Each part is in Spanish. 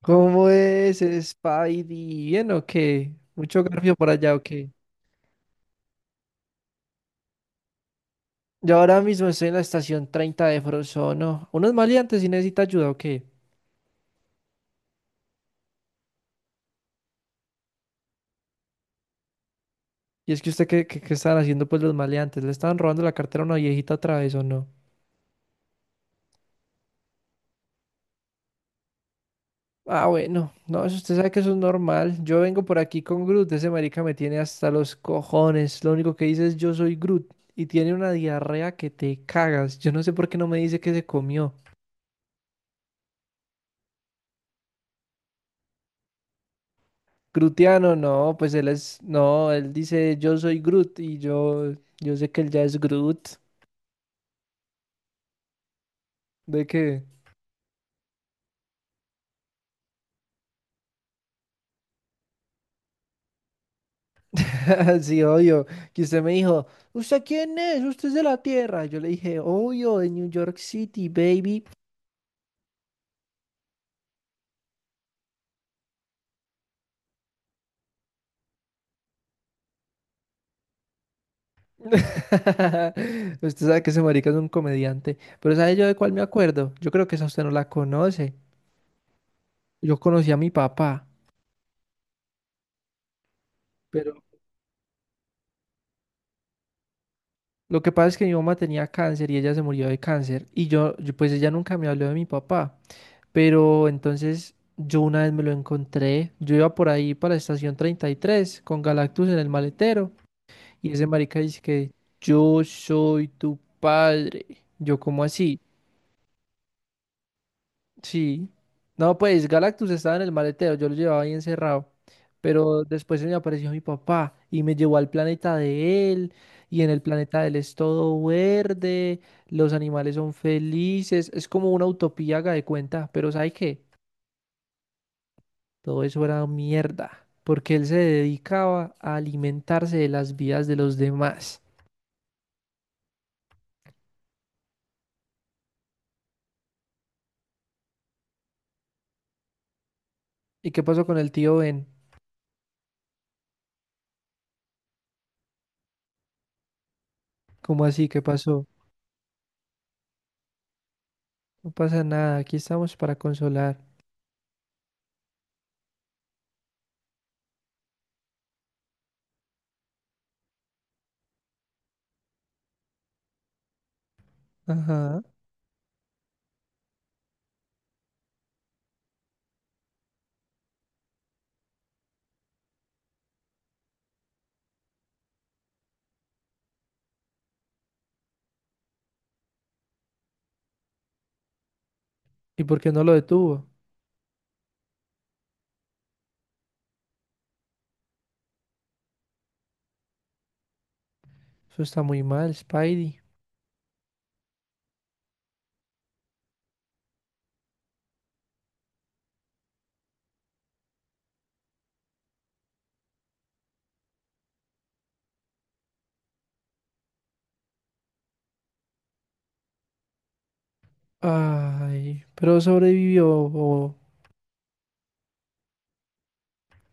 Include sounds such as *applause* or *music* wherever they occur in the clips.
¿Cómo es, Spidey? ¿Bien o qué? ¿Mucho garfio por allá o qué? Yo ahora mismo estoy en la estación 30 de Frozono. ¿Unos maleantes si necesita ayuda o qué? Y es que usted, ¿qué estaban haciendo pues los maleantes? ¿Le estaban robando la cartera a una viejita otra vez o no? Ah, bueno. No, eso usted sabe que eso es normal. Yo vengo por aquí con Groot. Ese marica me tiene hasta los cojones. Lo único que dice es yo soy Groot. Y tiene una diarrea que te cagas. Yo no sé por qué no me dice que se comió. Grutiano, no, pues él es, no, él dice yo soy Groot y yo sé que él ya es Groot. ¿De qué? *laughs* Sí, obvio. Que usted me dijo, ¿usted quién es? ¿Usted es de la Tierra? Yo le dije, obvio, de New York City, baby. *laughs* Usted sabe que ese marica es un comediante. Pero ¿sabe yo de cuál me acuerdo? Yo creo que esa usted no la conoce. Yo conocí a mi papá, pero lo que pasa es que mi mamá tenía cáncer y ella se murió de cáncer. Y pues ella nunca me habló de mi papá. Pero entonces yo una vez me lo encontré, yo iba por ahí para la estación 33 con Galactus en el maletero y ese marica dice que yo soy tu padre. Yo cómo así, sí. No, pues Galactus estaba en el maletero, yo lo llevaba ahí encerrado. Pero después se me apareció mi papá y me llevó al planeta de él y en el planeta de él es todo verde, los animales son felices, es como una utopía, haga de cuenta, pero ¿sabe qué? Todo eso era mierda, porque él se dedicaba a alimentarse de las vidas de los demás. ¿Y qué pasó con el tío Ben? ¿Cómo así? ¿Qué pasó? No pasa nada, aquí estamos para consolar. Ajá. ¿Y por qué no lo detuvo? Eso está muy mal, Spidey. Ay, pero sobrevivió. O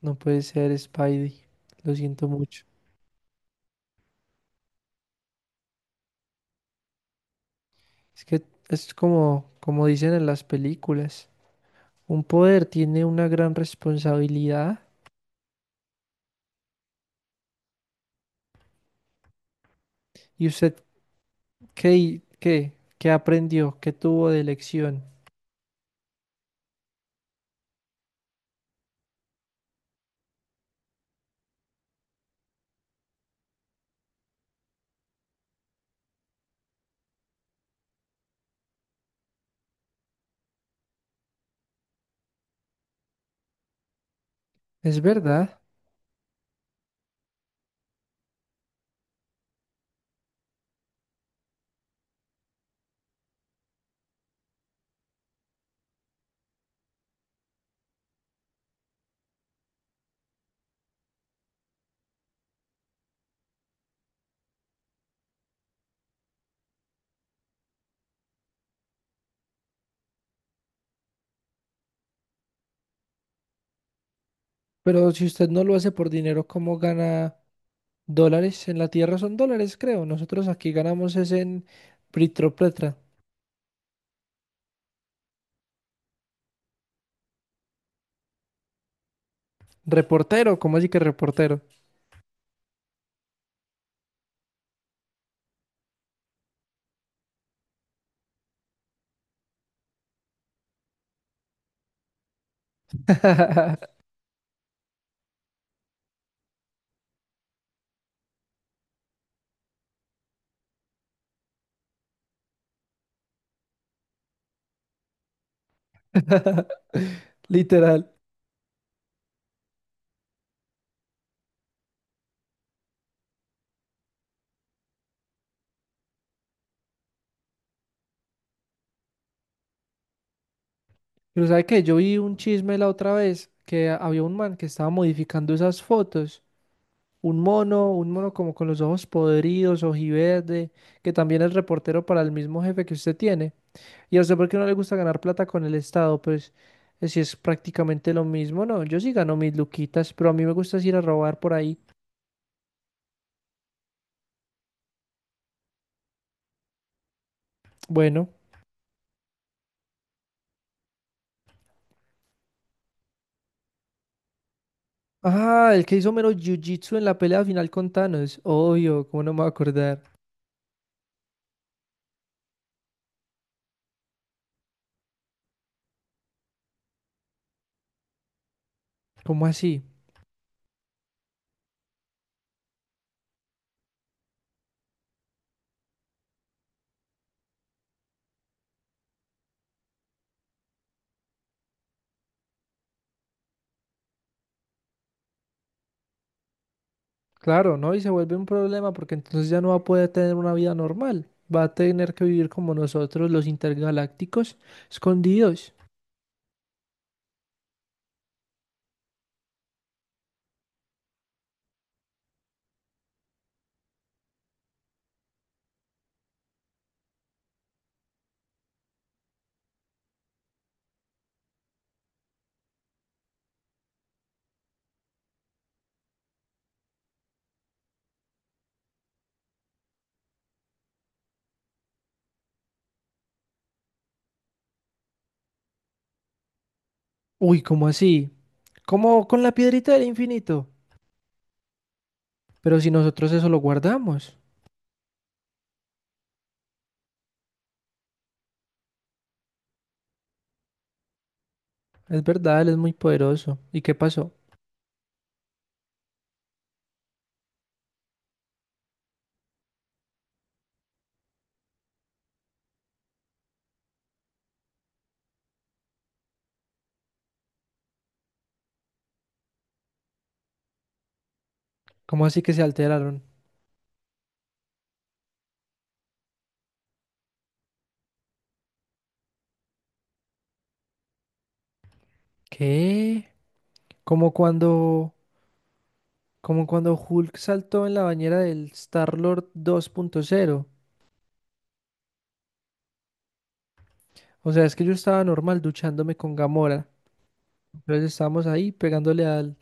no puede ser, Spidey. Lo siento mucho. Es que es como, como dicen en las películas. Un poder tiene una gran responsabilidad y usted ¿Qué, hi- qué, qué aprendió? ¿Qué tuvo de lección? Es verdad, pero si usted no lo hace por dinero, ¿cómo gana dólares? En la tierra son dólares, creo. Nosotros aquí ganamos es en Pritropletra. Reportero, ¿cómo así que reportero? *laughs* Literal. Pero ¿sabe qué? Yo vi un chisme la otra vez que había un man que estaba modificando esas fotos. Un mono como con los ojos podridos, ojiverde, que también es reportero para el mismo jefe que usted tiene. Y a usted, ¿por qué no le gusta ganar plata con el Estado? Pues si es prácticamente lo mismo, no. Yo sí gano mis luquitas, pero a mí me gusta es ir a robar por ahí. Bueno. Ah, el que hizo mero jiu-jitsu en la pelea final con Thanos. Obvio, ¿cómo no me voy a acordar? ¿Cómo así? Claro, ¿no? Y se vuelve un problema porque entonces ya no va a poder tener una vida normal. Va a tener que vivir como nosotros, los intergalácticos, escondidos. Uy, ¿cómo así? Como con la piedrita del infinito. Pero si nosotros eso lo guardamos. Es verdad, él es muy poderoso. ¿Y qué pasó? ¿Cómo así que se alteraron? ¿Qué? Como cuando, como cuando Hulk saltó en la bañera del Star-Lord 2.0. O sea, es que yo estaba normal duchándome con Gamora. Entonces estábamos ahí pegándole al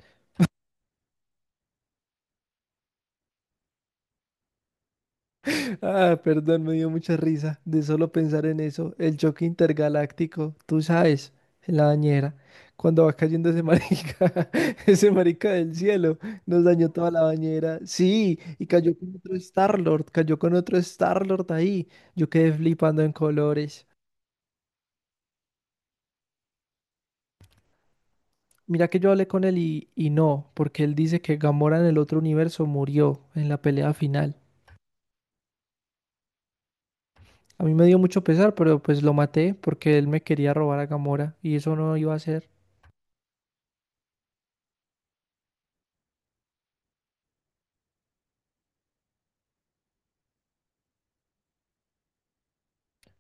Ah, perdón, me dio mucha risa de solo pensar en eso. El choque intergaláctico, tú sabes, en la bañera, cuando va cayendo ese marica, *laughs* ese marica del cielo, nos dañó toda la bañera. Sí, y cayó con otro Star-Lord, cayó con otro Star-Lord ahí. Yo quedé flipando en colores. Mira que yo hablé con él y no, porque él dice que Gamora en el otro universo murió en la pelea final. A mí me dio mucho pesar, pero pues lo maté porque él me quería robar a Gamora y eso no iba a ser.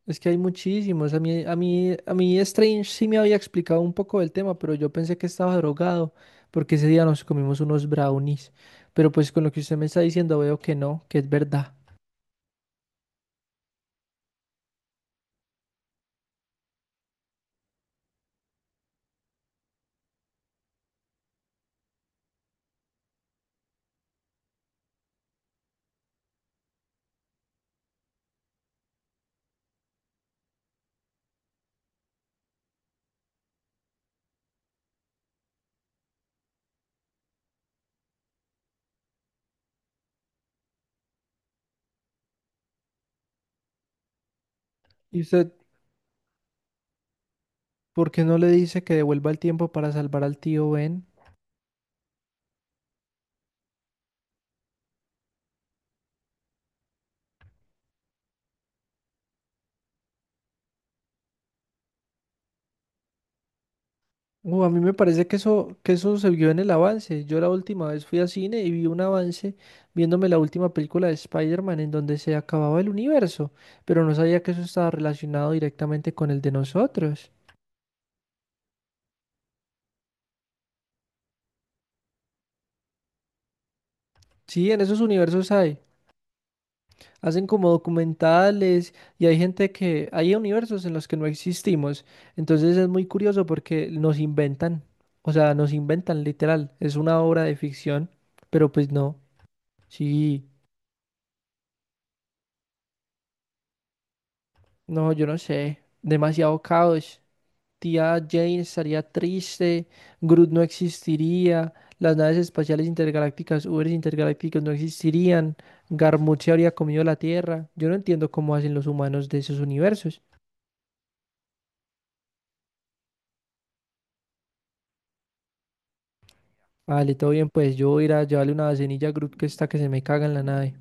Es que hay muchísimos. A mí Strange sí me había explicado un poco del tema, pero yo pensé que estaba drogado, porque ese día nos comimos unos brownies. Pero pues con lo que usted me está diciendo veo que no, que es verdad. ¿Y usted por qué no le dice que devuelva el tiempo para salvar al tío Ben? A mí me parece que eso se vio en el avance. Yo la última vez fui a cine y vi un avance viéndome la última película de Spider-Man en donde se acababa el universo, pero no sabía que eso estaba relacionado directamente con el de nosotros. Sí, en esos universos hay. Hacen como documentales y hay gente que, hay universos en los que no existimos. Entonces es muy curioso porque nos inventan, o sea, nos inventan literal. Es una obra de ficción, pero pues no. Sí, no, yo no sé. Demasiado caos. Tía Jane estaría triste, Groot no existiría, las naves espaciales intergalácticas, Ubers intergalácticos no existirían, Garmut se habría comido la Tierra. Yo no entiendo cómo hacen los humanos de esos universos. Vale, todo bien, pues yo voy a ir a llevarle una vasenilla a Groot que está que se me caga en la nave.